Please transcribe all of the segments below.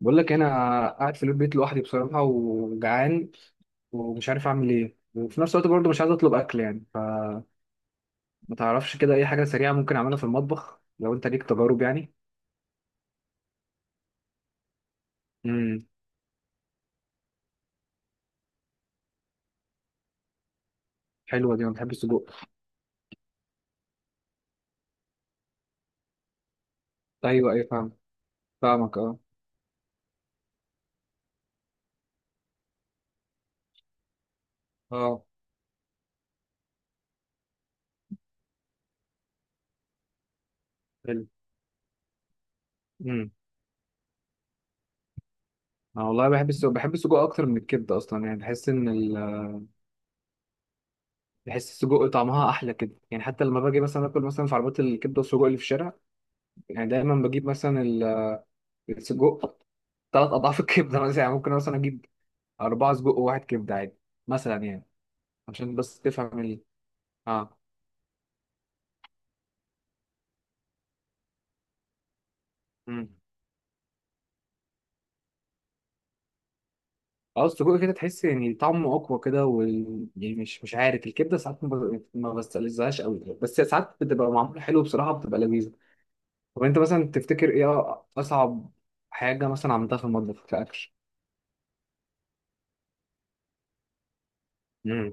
بقول لك انا قاعد في البيت لوحدي بصراحه وجعان، ومش عارف اعمل ايه، وفي نفس الوقت برضه مش عايز اطلب اكل يعني. فما تعرفش كده اي حاجه سريعه ممكن اعملها في المطبخ لو انت ليك تجارب؟ يعني. امم حلوه دي، انا بحب السجق. ايوه، ايوه، فاهم. فاهمك، اه. اه، حلو. امم انا والله بحب السجق، بحب السجق اكتر من الكبده اصلا يعني. بحس ان بحس السجق طعمها احلى كده يعني. حتى لما باجي مثلا اكل مثلا في عربيات الكبده والسجق اللي في الشارع، يعني دايما بجيب مثلا السجق 3 اضعاف الكبده مثلا يعني. ممكن مثلا اجيب 4 سجق و1 كبدة عادي، مثلا يعني. عشان بس تفهم ال اه مم. اه السجق كده تحس يعني طعمه أقوى كده، يعني مش عارف. الكبدة ساعات ما بستلذهاش قوي، بس ساعات بتبقى معمولة حلو بصراحة، بتبقى لذيذة. طب أنت مثلا تفتكر إيه أصعب حاجة مثلا عملتها في المطبخ كأكل؟ مم.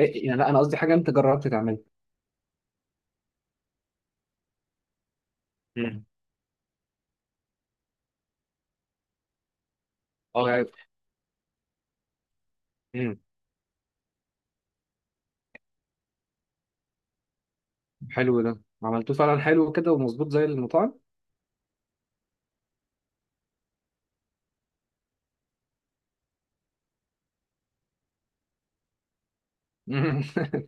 إيه يعني، لا أنا قصدي حاجة أنت جربت تعملها. مم. اه. مم. حلو، ده عملتوه فعلا، حلو كده ومظبوط زي المطاعم.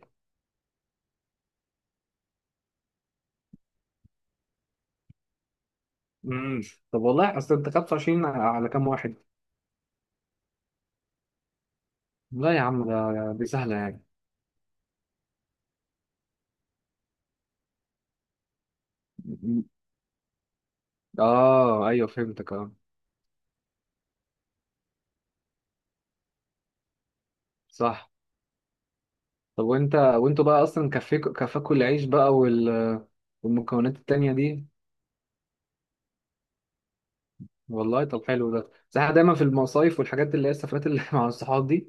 مم. طب والله، اصل انت 25 على كام واحد؟ لا يا عم، ده دي سهلة يعني. اه، ايوه فهمتك، اه. صح. طب وانتوا بقى اصلا كفاكوا العيش بقى والمكونات التانية دي؟ والله طب حلو ده، بس احنا دايما في المصايف والحاجات اللي هي السفرات اللي مع الصحاب دي،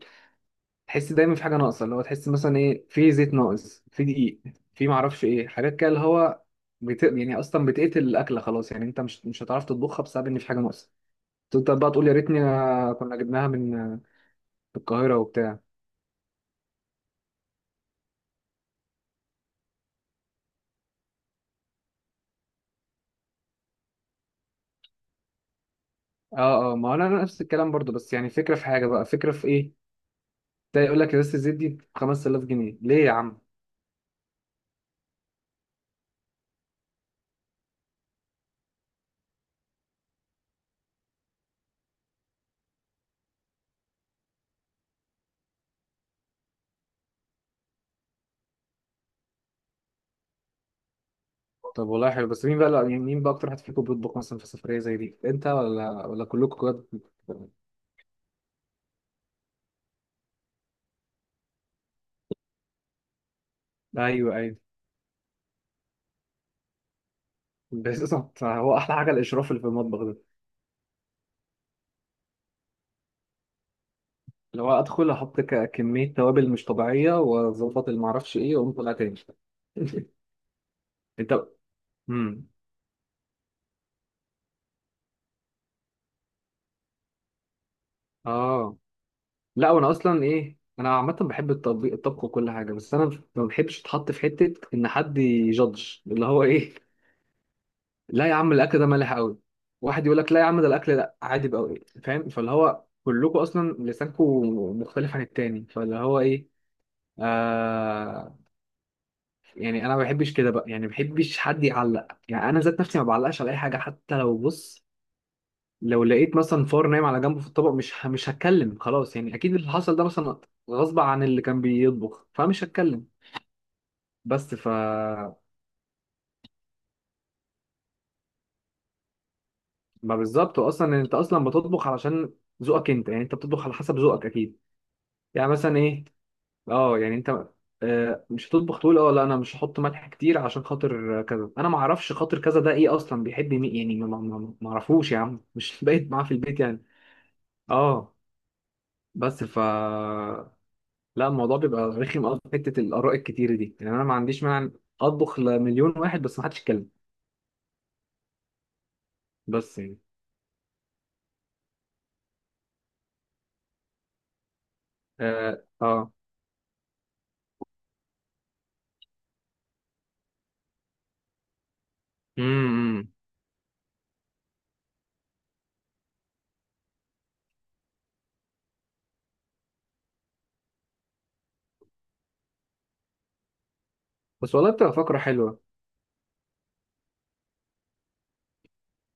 تحس دايما في حاجة ناقصة، اللي هو تحس مثلا ايه، في زيت ناقص، في دقيق، في معرفش ايه، حاجات كده اللي هو يعني اصلا بتقتل الاكلة خلاص يعني. انت مش هتعرف تطبخها بسبب ان في حاجة ناقصة. تفضل بقى تقول يا ريتني كنا جبناها من القاهرة وبتاع. اه، اه، ما هو أنا نفس الكلام برضو. بس يعني فكره في حاجه بقى، فكره في ايه؟ ده يقول لك ازازه الزيت دي ب 5000 جنيه ليه يا عم؟ طب والله حلو، بس مين بقى يعني مين بقى اكتر واحد فيكم بيطبخ مثلا في سفريه زي دي، انت ولا كلكم كده؟ ايوه، ايوه، بالظبط. هو احلى حاجه الاشراف اللي في المطبخ ده. اللي هو ادخل احط كميه توابل مش طبيعيه، واظبط اللي معرفش ايه، واقوم طالع تاني. انت. امم اه لا وانا اصلا ايه، انا عامه بحب الطبخ وكل حاجه، بس انا ما بحبش اتحط في حته ان حد يجادج اللي هو ايه. لا يا عم، الاكل ده مالح قوي. واحد يقول لك لا يا عم، ده الاكل ده عادي بقى. إيه؟ فاهم. فاللي هو كلكم اصلا لسانكم مختلف عن التاني، فاللي هو ايه، آه يعني انا ما بحبش كده بقى يعني، ما بحبش حد يعلق. يعني انا ذات نفسي ما بعلقش على اي حاجه، حتى لو بص، لو لقيت مثلا فار نايم على جنبه في الطبق مش هتكلم خلاص يعني. اكيد اللي حصل ده مثلا غصب عن اللي كان بيطبخ، فمش هتكلم. بس ف ما بالظبط، اصلا انت اصلا بتطبخ علشان ذوقك انت يعني، انت بتطبخ على حسب ذوقك اكيد. يعني مثلا ايه، اه يعني انت، مش هتطبخ تقول اه لا انا مش هحط ملح كتير عشان خاطر كذا. انا ما اعرفش خاطر كذا ده ايه اصلا، بيحب مين يعني، ما اعرفوش يا عم، مش بايت معاه في البيت يعني. اه. بس ف لا الموضوع بيبقى رخم قوي في حته الاراء الكتيره دي يعني، انا ما عنديش مانع اطبخ لمليون واحد بس ما حدش يتكلم. بس يعني. اه، اه. امم بس والله بتبقى فكره حلوه.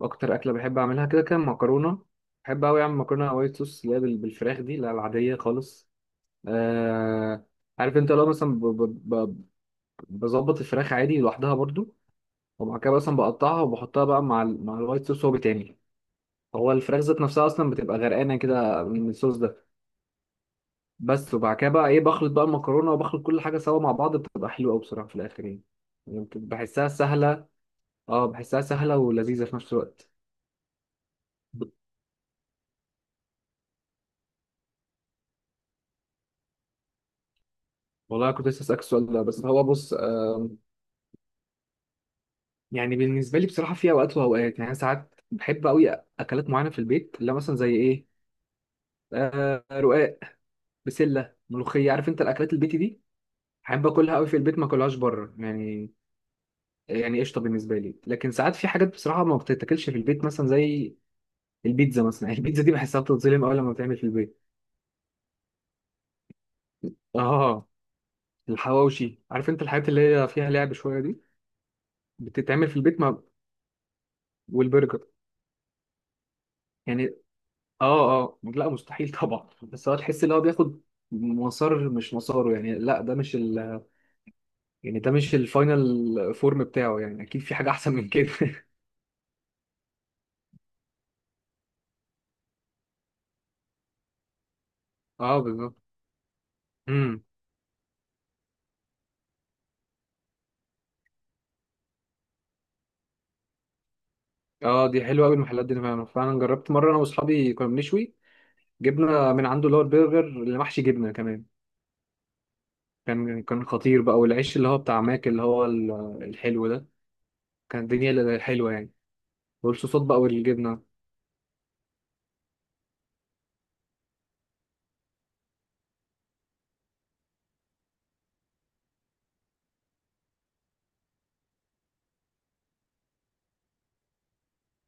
اكتر اكله بحب اعملها كده كان مكرونه. بحب قوي اعمل مكرونه وايت صوص اللي هي بالفراخ دي، لا العاديه خالص. آه عارف انت لو مثلا بظبط الفراخ عادي لوحدها برضو، ومع كده مثلا بقطعها وبحطها بقى مع مع الوايت صوص. هو بتعمل، هو الفراخ ذات نفسها اصلا بتبقى غرقانه كده من الصوص ده. بس وبعد كده بقى ايه، بخلط بقى المكرونه وبخلط كل حاجه سوا مع بعض، بتبقى حلوه قوي بصراحه في الاخر يعني بحسها سهله. اه، بحسها سهله ولذيذه في نفس الوقت. والله كنت لسه اسالك السؤال ده، بس هو بص، يعني بالنسبه لي بصراحه في اوقات واوقات، يعني أنا ساعات بحب قوي اكلات معينه في البيت، اللي هي مثلا زي ايه، رقاق، بسله، ملوخيه، عارف انت الاكلات البيتي دي. بحب اكلها قوي في البيت، ما اكلهاش بره يعني. يعني قشطه بالنسبه لي، لكن ساعات في حاجات بصراحه ما بتتاكلش في البيت مثلا زي البيتزا. مثلا البيتزا دي بحسها بتتظلم أوي لما بتعمل في البيت. اه. الحواوشي، عارف انت الحاجات اللي هي فيها لعب شويه دي، بتتعمل في البيت والبرجر يعني. اه، اه، لا مستحيل طبعا، بس هو تحس ان هو بياخد مسار، مش مساره يعني. لا ده مش ال يعني ده مش الفاينل فورم بتاعه يعني، اكيد في حاجه احسن من كده. اه، بالظبط. امم اه دي حلوه قوي، المحلات دي فعلا، فعلا جربت مره انا واصحابي كنا بنشوي، جبنا من عنده اللي هو البرجر اللي محشي جبنه كمان. كان خطير بقى، والعيش اللي هو بتاع ماك، اللي هو الحلو ده، كان الدنيا اللي حلوة يعني، والصوصات بقى والجبنة.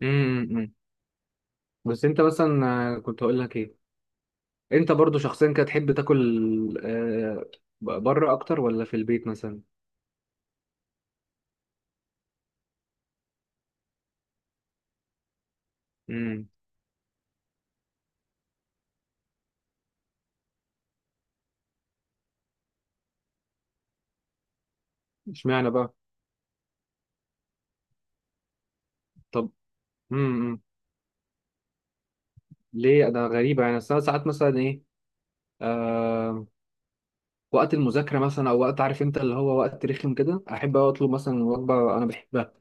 امم بس انت مثلا، كنت هقول لك ايه، انت برضو شخصيا كده تحب تاكل، بره اكتر ولا في البيت مثلا؟ امم اشمعنى بقى؟ طب. امم ليه انا غريبة يعني؟ أصل أنا ساعات مثلا ايه، آه وقت المذاكرة مثلا، او وقت عارف انت اللي هو وقت رخم كده، احب أوي اطلب مثلا وجبة انا بحبها،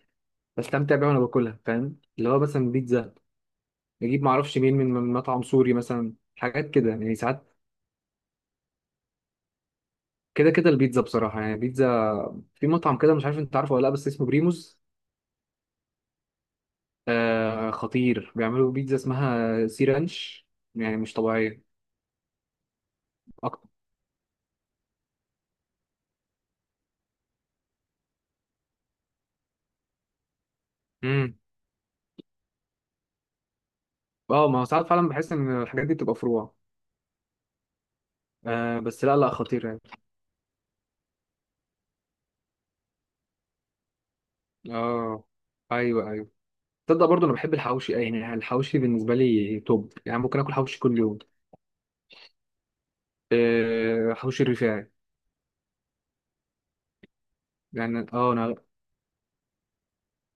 بستمتع بيها وانا باكلها، فاهم، اللي هو مثلا بيتزا، نجيب معرفش مين من مطعم سوري مثلا، حاجات كده يعني ساعات. كده كده البيتزا بصراحة، يعني بيتزا في مطعم كده، مش عارف انت عارفه ولا لا، بس اسمه بريموز. خطير، بيعملوا بيتزا اسمها سي رانش، يعني مش طبيعية. اكتر. امم اه، ما هو ساعات فعلا بحس ان الحاجات دي بتبقى فروع. بس لا، لا خطير يعني. اه، ايوه، ايوه. تصدق برضه انا بحب الحواوشي، أي، يعني الحواوشي بالنسبة لي توب، يعني ممكن اكل حواوشي كل يوم. حواوشي الرفاعي. يعني اه، انا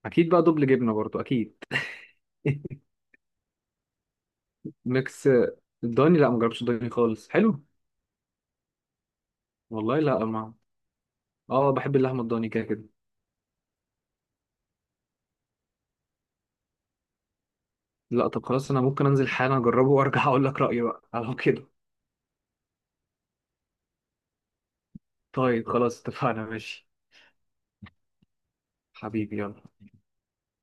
اكيد بقى دبل جبنة برضه اكيد. ميكس. الضاني، لا ما جربتش الضاني خالص، حلو. والله لا، ما اه بحب اللحمه الضاني كده كده. لا طب خلاص، انا ممكن انزل حالا اجربه وارجع اقول لك رايي بقى على كده. طيب خلاص، اتفقنا ماشي. حبيبي يلا.